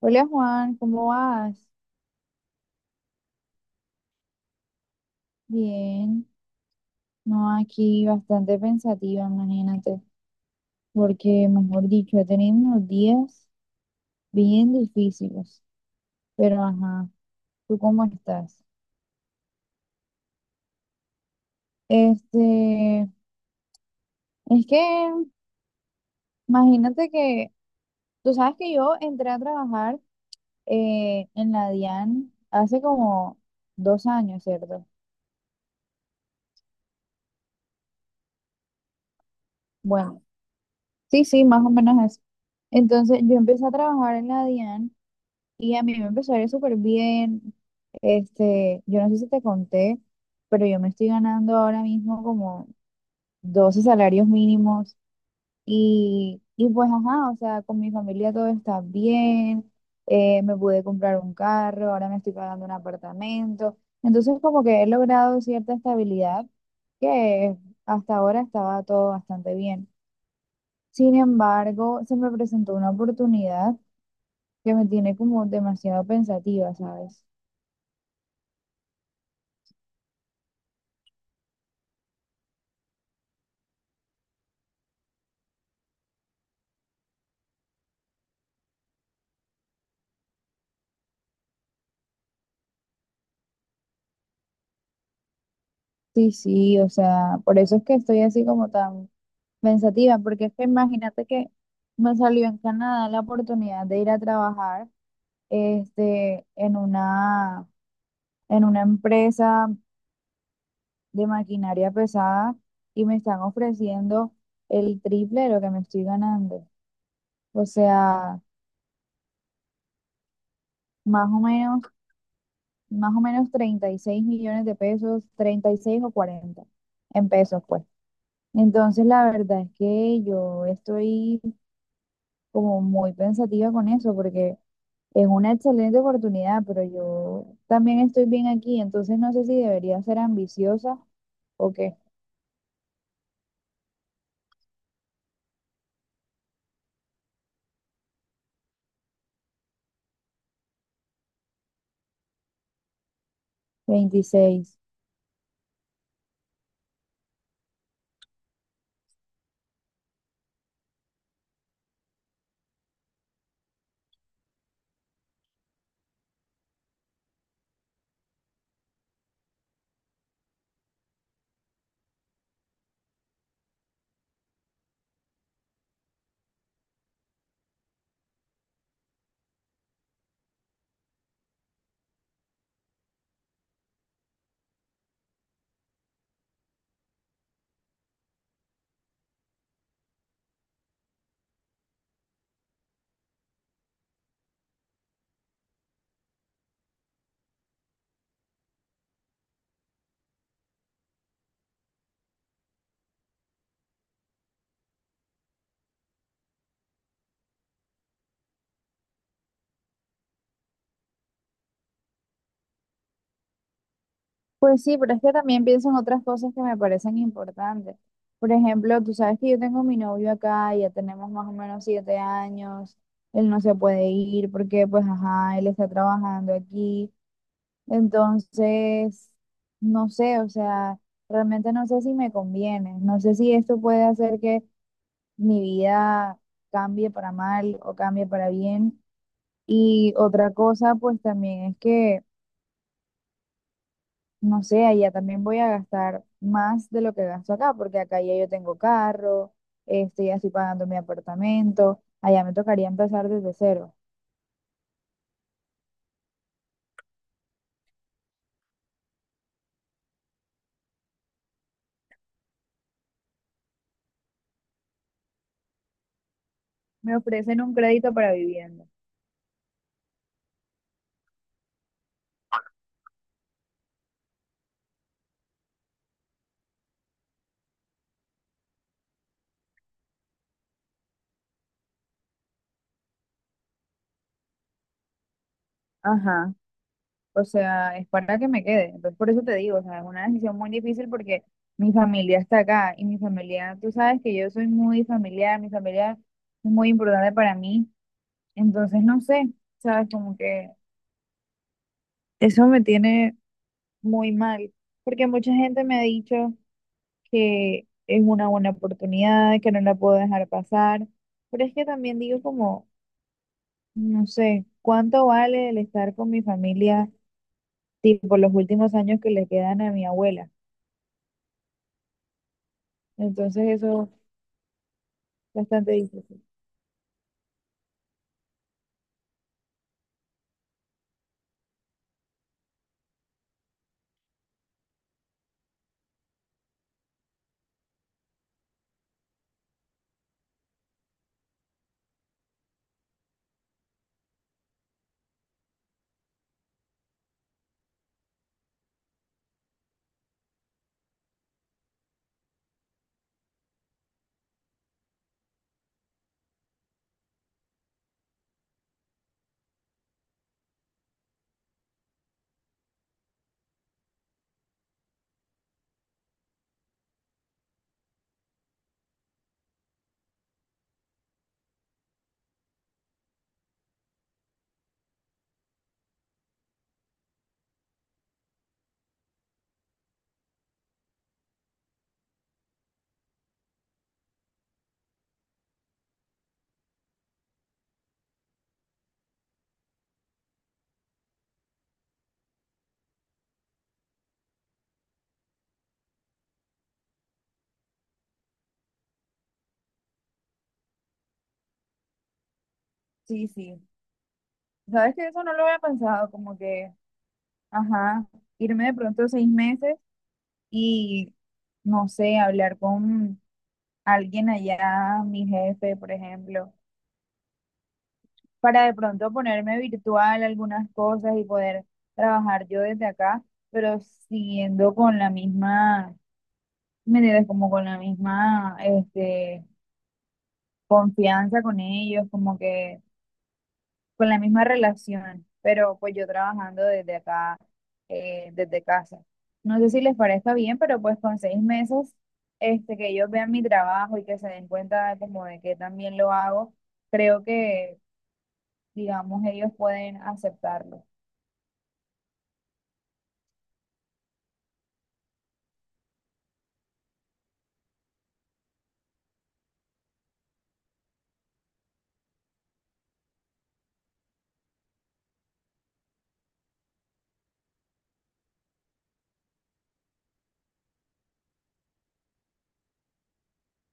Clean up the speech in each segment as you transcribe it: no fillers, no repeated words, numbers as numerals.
Hola Juan, ¿cómo vas? Bien, no, aquí bastante pensativa, imagínate, porque mejor dicho, he tenido unos días bien difíciles, pero ajá, ¿tú cómo estás? Este, es que imagínate que, tú sabes que yo entré a trabajar en la DIAN hace como dos años, ¿cierto? Bueno, sí, sí, más o menos eso. Entonces yo empecé a trabajar en la DIAN. Y a mí me empezó a ir súper bien. Yo no sé si te conté, pero yo me estoy ganando ahora mismo como 12 salarios mínimos. Y pues, ajá, o sea, con mi familia todo está bien. Me pude comprar un carro, ahora me estoy pagando un apartamento. Entonces, como que he logrado cierta estabilidad que hasta ahora estaba todo bastante bien. Sin embargo, se me presentó una oportunidad que me tiene como demasiado pensativa, ¿sabes? Sí, sí, o sea, por eso es que estoy así como tan pensativa, porque es que imagínate que me salió en Canadá la oportunidad de ir a trabajar este, en una, en una empresa de maquinaria pesada y me están ofreciendo el triple de lo que me estoy ganando. O sea, más o menos, más o menos 36 millones de pesos, 36 o 40 en pesos, pues. Entonces, la verdad es que yo estoy como muy pensativa con eso, porque es una excelente oportunidad, pero yo también estoy bien aquí, entonces no sé si debería ser ambiciosa o qué. 26. Pues sí, pero es que también pienso en otras cosas que me parecen importantes. Por ejemplo, tú sabes que yo tengo mi novio acá, ya tenemos más o menos 7 años, él no se puede ir porque, pues, ajá, él está trabajando aquí. Entonces, no sé, o sea, realmente no sé si me conviene, no sé si esto puede hacer que mi vida cambie para mal o cambie para bien. Y otra cosa, pues también es que, no sé, allá también voy a gastar más de lo que gasto acá, porque acá ya yo tengo carro, ya estoy pagando mi apartamento, allá me tocaría empezar desde cero. Me ofrecen un crédito para vivienda. Ajá. O sea, es para que me quede. Entonces, por eso te digo, o sea, es una decisión muy difícil porque mi familia está acá y mi familia, tú sabes que yo soy muy familiar, mi familia es muy importante para mí. Entonces, no sé, ¿sabes? Como que eso me tiene muy mal, porque mucha gente me ha dicho que es una buena oportunidad, que no la puedo dejar pasar, pero es que también digo como, no sé, ¿cuánto vale el estar con mi familia, tipo los últimos años que le quedan a mi abuela? Entonces, eso es bastante difícil. Sí, sí. ¿Sabes que eso no lo había pensado? Como que, ajá, irme de pronto 6 meses y no sé, hablar con alguien allá, mi jefe, por ejemplo, para de pronto ponerme virtual algunas cosas y poder trabajar yo desde acá, pero siguiendo con la misma, ¿me entiendes? Como con la misma, confianza con ellos, como que con la misma relación, pero pues yo trabajando desde acá, desde casa. No sé si les parezca bien, pero pues con 6 meses, que ellos vean mi trabajo y que se den cuenta como de que también lo hago, creo que, digamos, ellos pueden aceptarlo.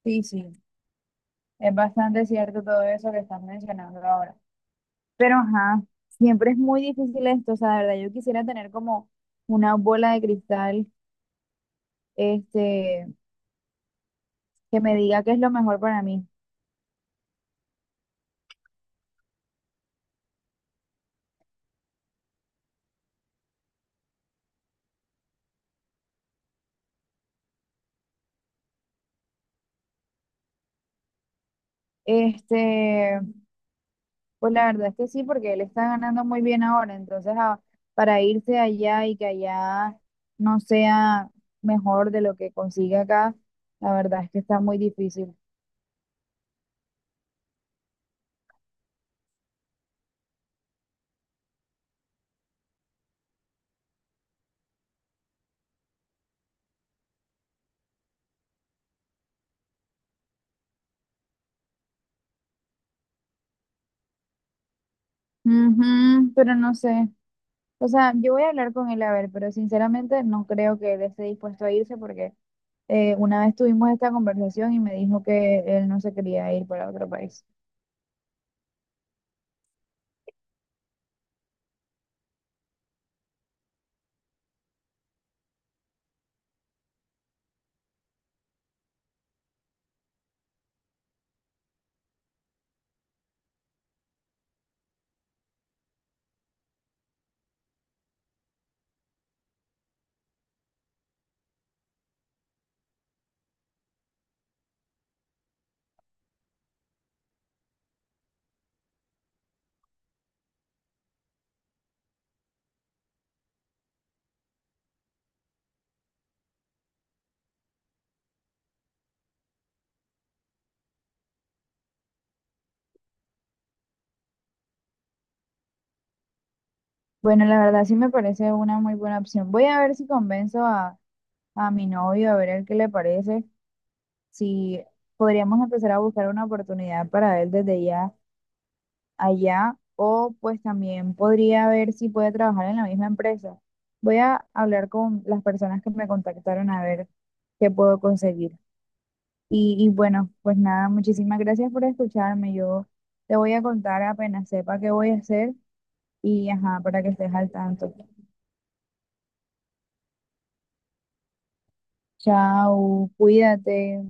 Sí, sí, es bastante cierto todo eso que estás mencionando ahora. Pero, ajá, siempre es muy difícil esto, o sea, de verdad, yo quisiera tener como una bola de cristal, este, que me diga qué es lo mejor para mí. Este, pues la verdad es que sí, porque él está ganando muy bien ahora, entonces para irse allá y que allá no sea mejor de lo que consigue acá, la verdad es que está muy difícil. Ujú, pero no sé. O sea, yo voy a hablar con él a ver, pero sinceramente no creo que él esté dispuesto a irse porque una vez tuvimos esta conversación y me dijo que él no se quería ir para otro país. Bueno, la verdad sí me parece una muy buena opción. Voy a ver si convenzo a mi novio, a ver el qué le parece, si podríamos empezar a buscar una oportunidad para él desde ya allá o pues también podría ver si puede trabajar en la misma empresa. Voy a hablar con las personas que me contactaron a ver qué puedo conseguir. Y bueno, pues nada, muchísimas gracias por escucharme. Yo te voy a contar apenas sepa qué voy a hacer y ajá, para que estés al tanto. Chao, cuídate.